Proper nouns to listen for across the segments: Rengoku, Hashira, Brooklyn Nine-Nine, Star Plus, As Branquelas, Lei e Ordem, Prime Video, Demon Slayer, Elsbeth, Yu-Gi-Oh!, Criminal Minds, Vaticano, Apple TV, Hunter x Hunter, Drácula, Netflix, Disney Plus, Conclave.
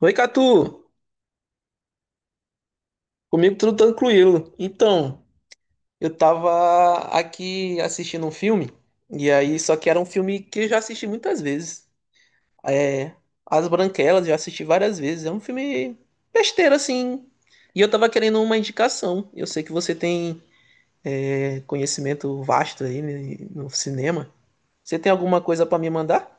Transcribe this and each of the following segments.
Oi, Catu! Comigo tudo tranquilo. Então, eu tava aqui assistindo um filme, só que era um filme que eu já assisti muitas vezes. É, As Branquelas, já assisti várias vezes. É um filme besteira, assim. E eu tava querendo uma indicação. Eu sei que você tem, conhecimento vasto aí né, no cinema. Você tem alguma coisa pra me mandar?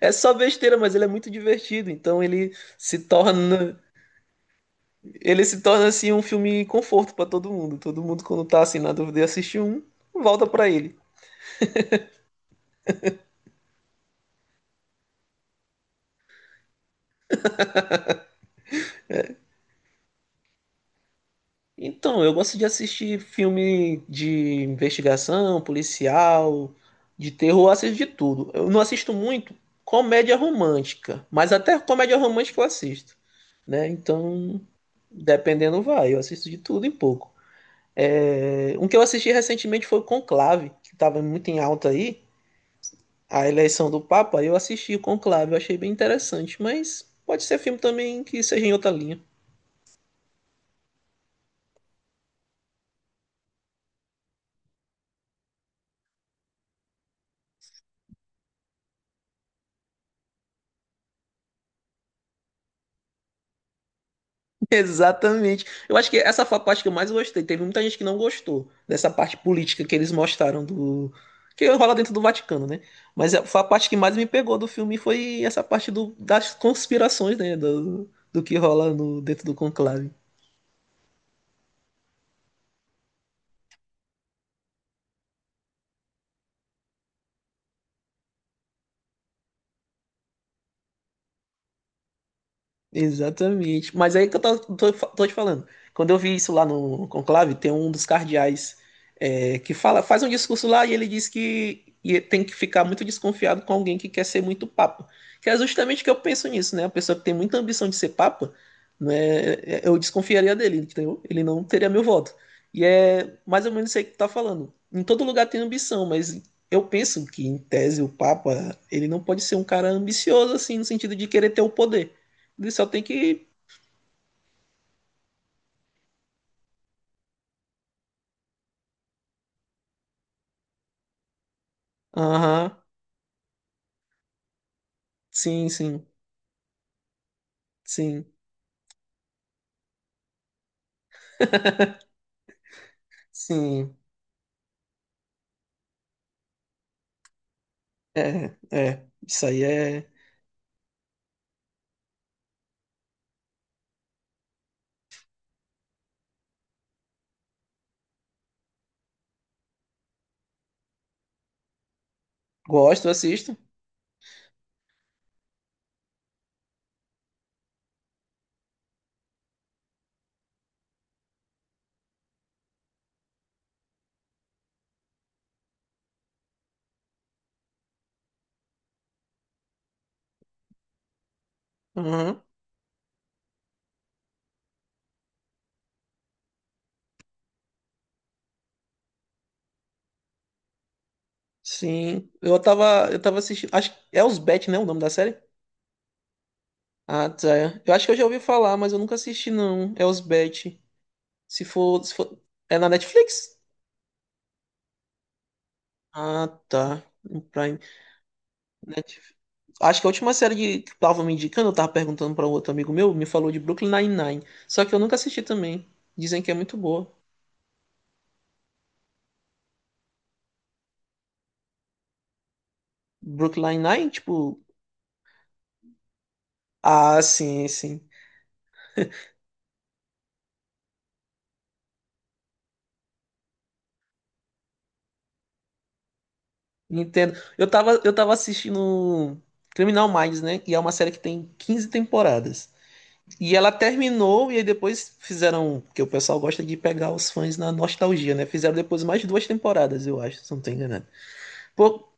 É só besteira, mas ele é muito divertido, então ele se torna. Ele se torna assim um filme conforto pra todo mundo. Todo mundo quando tá assim na dúvida e assiste um, volta pra ele. Então, eu gosto de assistir filme de investigação, policial, de terror, eu assisto de tudo. Eu não assisto muito comédia romântica, mas até comédia romântica eu assisto, né? Então, dependendo vai, eu assisto de tudo em pouco. Um que eu assisti recentemente foi o Conclave, que tava muito em alta aí. A eleição do Papa, eu assisti o Conclave, eu achei bem interessante, mas pode ser filme também que seja em outra linha. Exatamente. Eu acho que essa foi a parte que eu mais gostei. Teve muita gente que não gostou dessa parte política que eles mostraram do que rola dentro do Vaticano, né? Mas foi a parte que mais me pegou do filme foi essa parte do, das conspirações, né? Do que rola no, dentro do conclave. Exatamente. Mas aí que eu tô te falando. Quando eu vi isso lá no conclave, tem um dos cardeais que fala, faz um discurso lá e ele diz que e tem que ficar muito desconfiado com alguém que quer ser muito papa. Que é justamente o que eu penso nisso, né? A pessoa que tem muita ambição de ser papa, né, eu desconfiaria dele, entendeu? Ele não teria meu voto. E é mais ou menos isso aí que tu tá falando. Em todo lugar tem ambição, mas eu penso que, em tese, o papa, ele não pode ser um cara ambicioso, assim, no sentido de querer ter o poder. Ele só tem que. Aham. Sim, sim. Sim. Sim. É, é. Isso aí é. Gosto, assisto. Aham. Sim. Eu tava assistindo. Acho que é Elsbeth, né? O nome da série? Ah, tá. Eu acho que eu já ouvi falar, mas eu nunca assisti, não. É Elsbeth. Se for, se for. É na Netflix? Ah, tá. No Prime. Netflix. Acho que a última série que tava me indicando, eu tava perguntando pra um outro amigo meu, me falou de Brooklyn Nine-Nine. Só que eu nunca assisti também. Dizem que é muito boa. Brooklyn Nine, tipo. Ah, sim, sim. Entendo. Eu tava assistindo Criminal Minds, né? E é uma série que tem 15 temporadas. E ela terminou, e aí depois fizeram. Porque o pessoal gosta de pegar os fãs na nostalgia, né? Fizeram depois mais 2 temporadas, eu acho, se não tô enganado. Pô,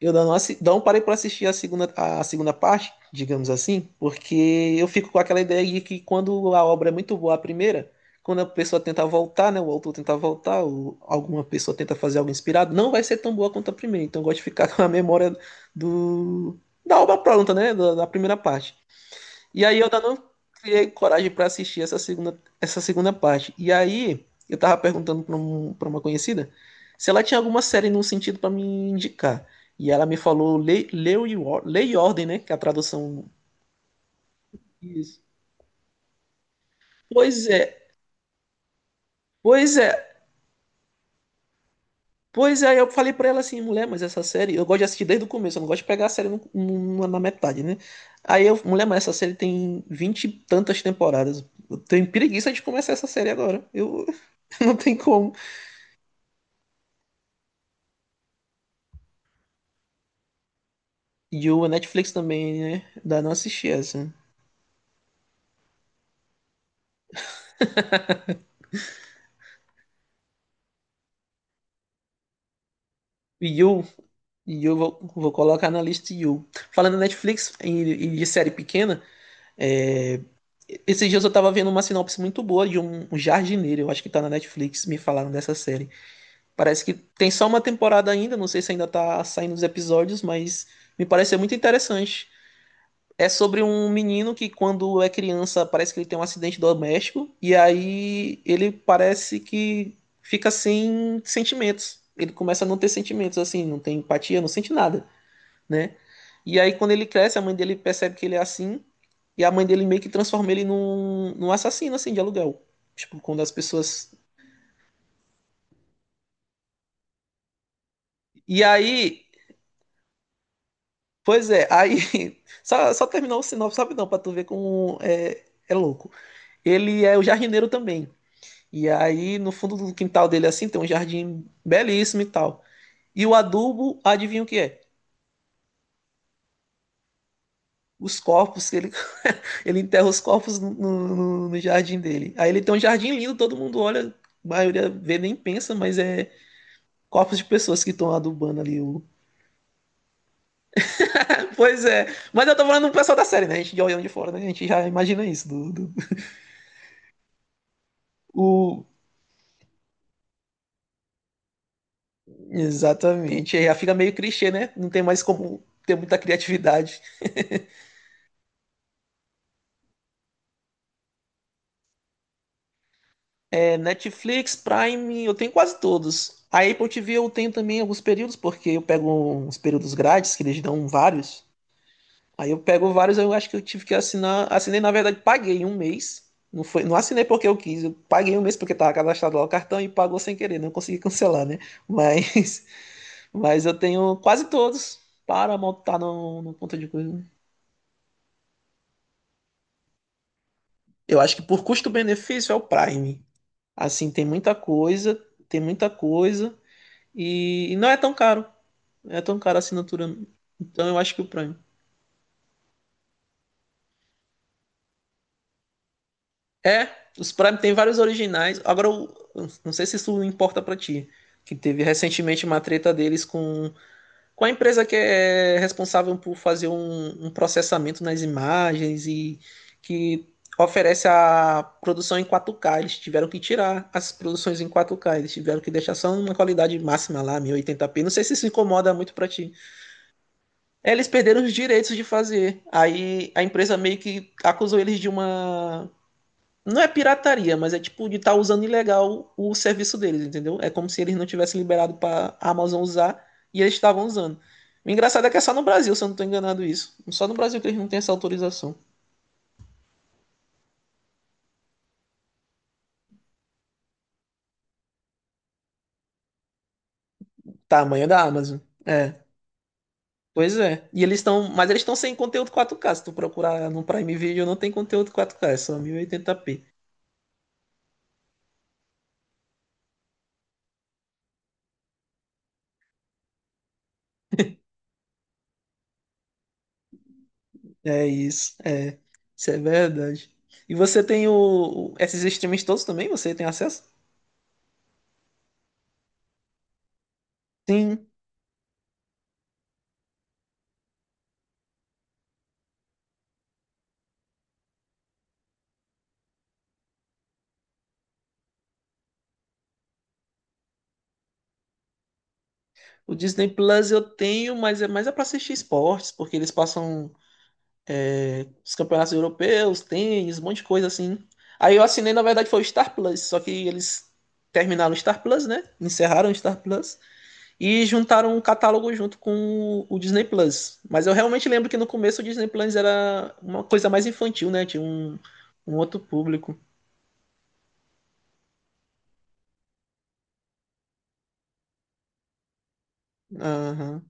eu não, não parei para assistir a segunda parte, digamos assim, porque eu fico com aquela ideia de que quando a obra é muito boa, a primeira, quando a pessoa tenta voltar, né, o autor tenta voltar, ou alguma pessoa tenta fazer algo inspirado, não vai ser tão boa quanto a primeira. Então eu gosto de ficar com a memória do, da obra pronta, né, da primeira parte. E aí eu ainda não criei coragem pra assistir essa segunda parte. E aí eu tava perguntando pra uma conhecida se ela tinha alguma série num sentido pra me indicar. E ela me falou Lei e Ordem, né? Que é a tradução. Isso. Pois é, pois é. Pois é, eu falei pra ela assim, mulher, mas essa série eu gosto de assistir desde o começo, eu não gosto de pegar a série na metade, né? Aí eu, mulher, mas essa série tem 20 e tantas temporadas. Eu tenho preguiça de começar essa série agora. Eu não tem como. You, a Netflix também, né? Dá não assistir essa. You, You, vou colocar na lista You. Falando em Netflix e de série pequena, esses dias eu tava vendo uma sinopse muito boa de um jardineiro, eu acho que tá na Netflix, me falaram dessa série. Parece que tem só 1 temporada ainda, não sei se ainda tá saindo os episódios, mas me pareceu muito interessante. É sobre um menino que, quando é criança, parece que ele tem um acidente doméstico, e aí ele parece que fica sem sentimentos. Ele começa a não ter sentimentos, assim, não tem empatia, não sente nada, né? E aí, quando ele cresce, a mãe dele percebe que ele é assim, e a mãe dele meio que transforma ele num assassino, assim, de aluguel. Tipo, quando as pessoas. E aí, pois é, aí. Só terminar o sinopse, sabe não, pra tu ver como é, é louco. Ele é o jardineiro também. E aí, no fundo do quintal dele, assim, tem um jardim belíssimo e tal. E o adubo, adivinha o que é? Os corpos, que ele, ele enterra os corpos no jardim dele. Aí ele tem um jardim lindo, todo mundo olha, a maioria vê nem pensa, mas é corpos de pessoas que estão adubando ali. O... Pois é, mas eu tô falando do pessoal da série, né? A gente de olhando de fora, né? A gente já imagina isso. O... Exatamente, aí já fica meio clichê, né? Não tem mais como ter muita criatividade. É Netflix, Prime, eu tenho quase todos. A Apple TV eu tenho também alguns períodos, porque eu pego uns períodos grátis, que eles dão vários. Aí eu pego vários, eu acho que eu tive que assinar. Assinei, na verdade, paguei um mês. Não, foi, não assinei porque eu quis, eu paguei um mês porque estava cadastrado lá o cartão e pagou sem querer, não consegui cancelar, né? Mas, mas eu tenho quase todos. Para tá no, no ponto de coisa. Né? Eu acho que por custo-benefício é o Prime. Assim, tem muita coisa e não é tão caro. É tão cara a assinatura. Então eu acho que o Prime. É, os Prime tem vários originais. Agora, eu não sei se isso importa pra ti. Que teve recentemente uma treta deles com a empresa que é responsável por fazer um processamento nas imagens e que oferece a produção em 4K. Eles tiveram que tirar as produções em 4K. Eles tiveram que deixar só uma qualidade máxima lá, 1080p. Não sei se isso incomoda muito pra ti. Eles perderam os direitos de fazer. Aí a empresa meio que acusou eles de uma. Não é pirataria, mas é tipo de estar usando ilegal o serviço deles, entendeu? É como se eles não tivessem liberado para a Amazon usar e eles estavam usando. O engraçado é que é só no Brasil, se eu não tô enganado isso. Só no Brasil que eles não têm essa autorização. Tamanho da Amazon. É, pois é. E eles estão, mas eles estão sem conteúdo 4K. Se tu procurar no Prime Video, não tem conteúdo 4K, é só 1080p. É isso, é. Isso é verdade. E você tem esses streams todos também? Você tem acesso? Sim. O Disney Plus eu tenho, mas é mais é pra assistir esportes, porque eles passam os campeonatos europeus, tênis, um monte de coisa assim. Aí eu assinei, na verdade, foi o Star Plus, só que eles terminaram o Star Plus, né? Encerraram o Star Plus e juntaram um catálogo junto com o Disney Plus. Mas eu realmente lembro que no começo o Disney Plus era uma coisa mais infantil, né? Tinha um, um outro público. Aham.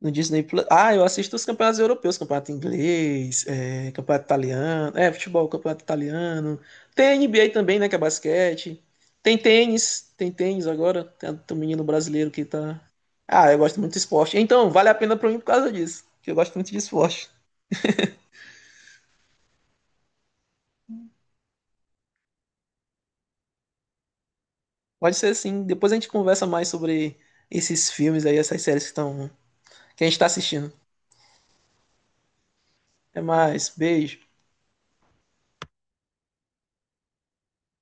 No Disney Plus. Ah, eu assisto os campeonatos europeus, campeonato inglês, campeonato italiano, futebol, campeonato italiano. Tem NBA também, né, que é basquete. Tem tênis agora. Tem um menino brasileiro que tá. Ah, eu gosto muito de esporte. Então, vale a pena pra mim por causa disso, que eu gosto muito de esporte. Pode ser assim, depois a gente conversa mais sobre esses filmes aí, essas séries que estão, que a gente tá assistindo. Até mais, beijo.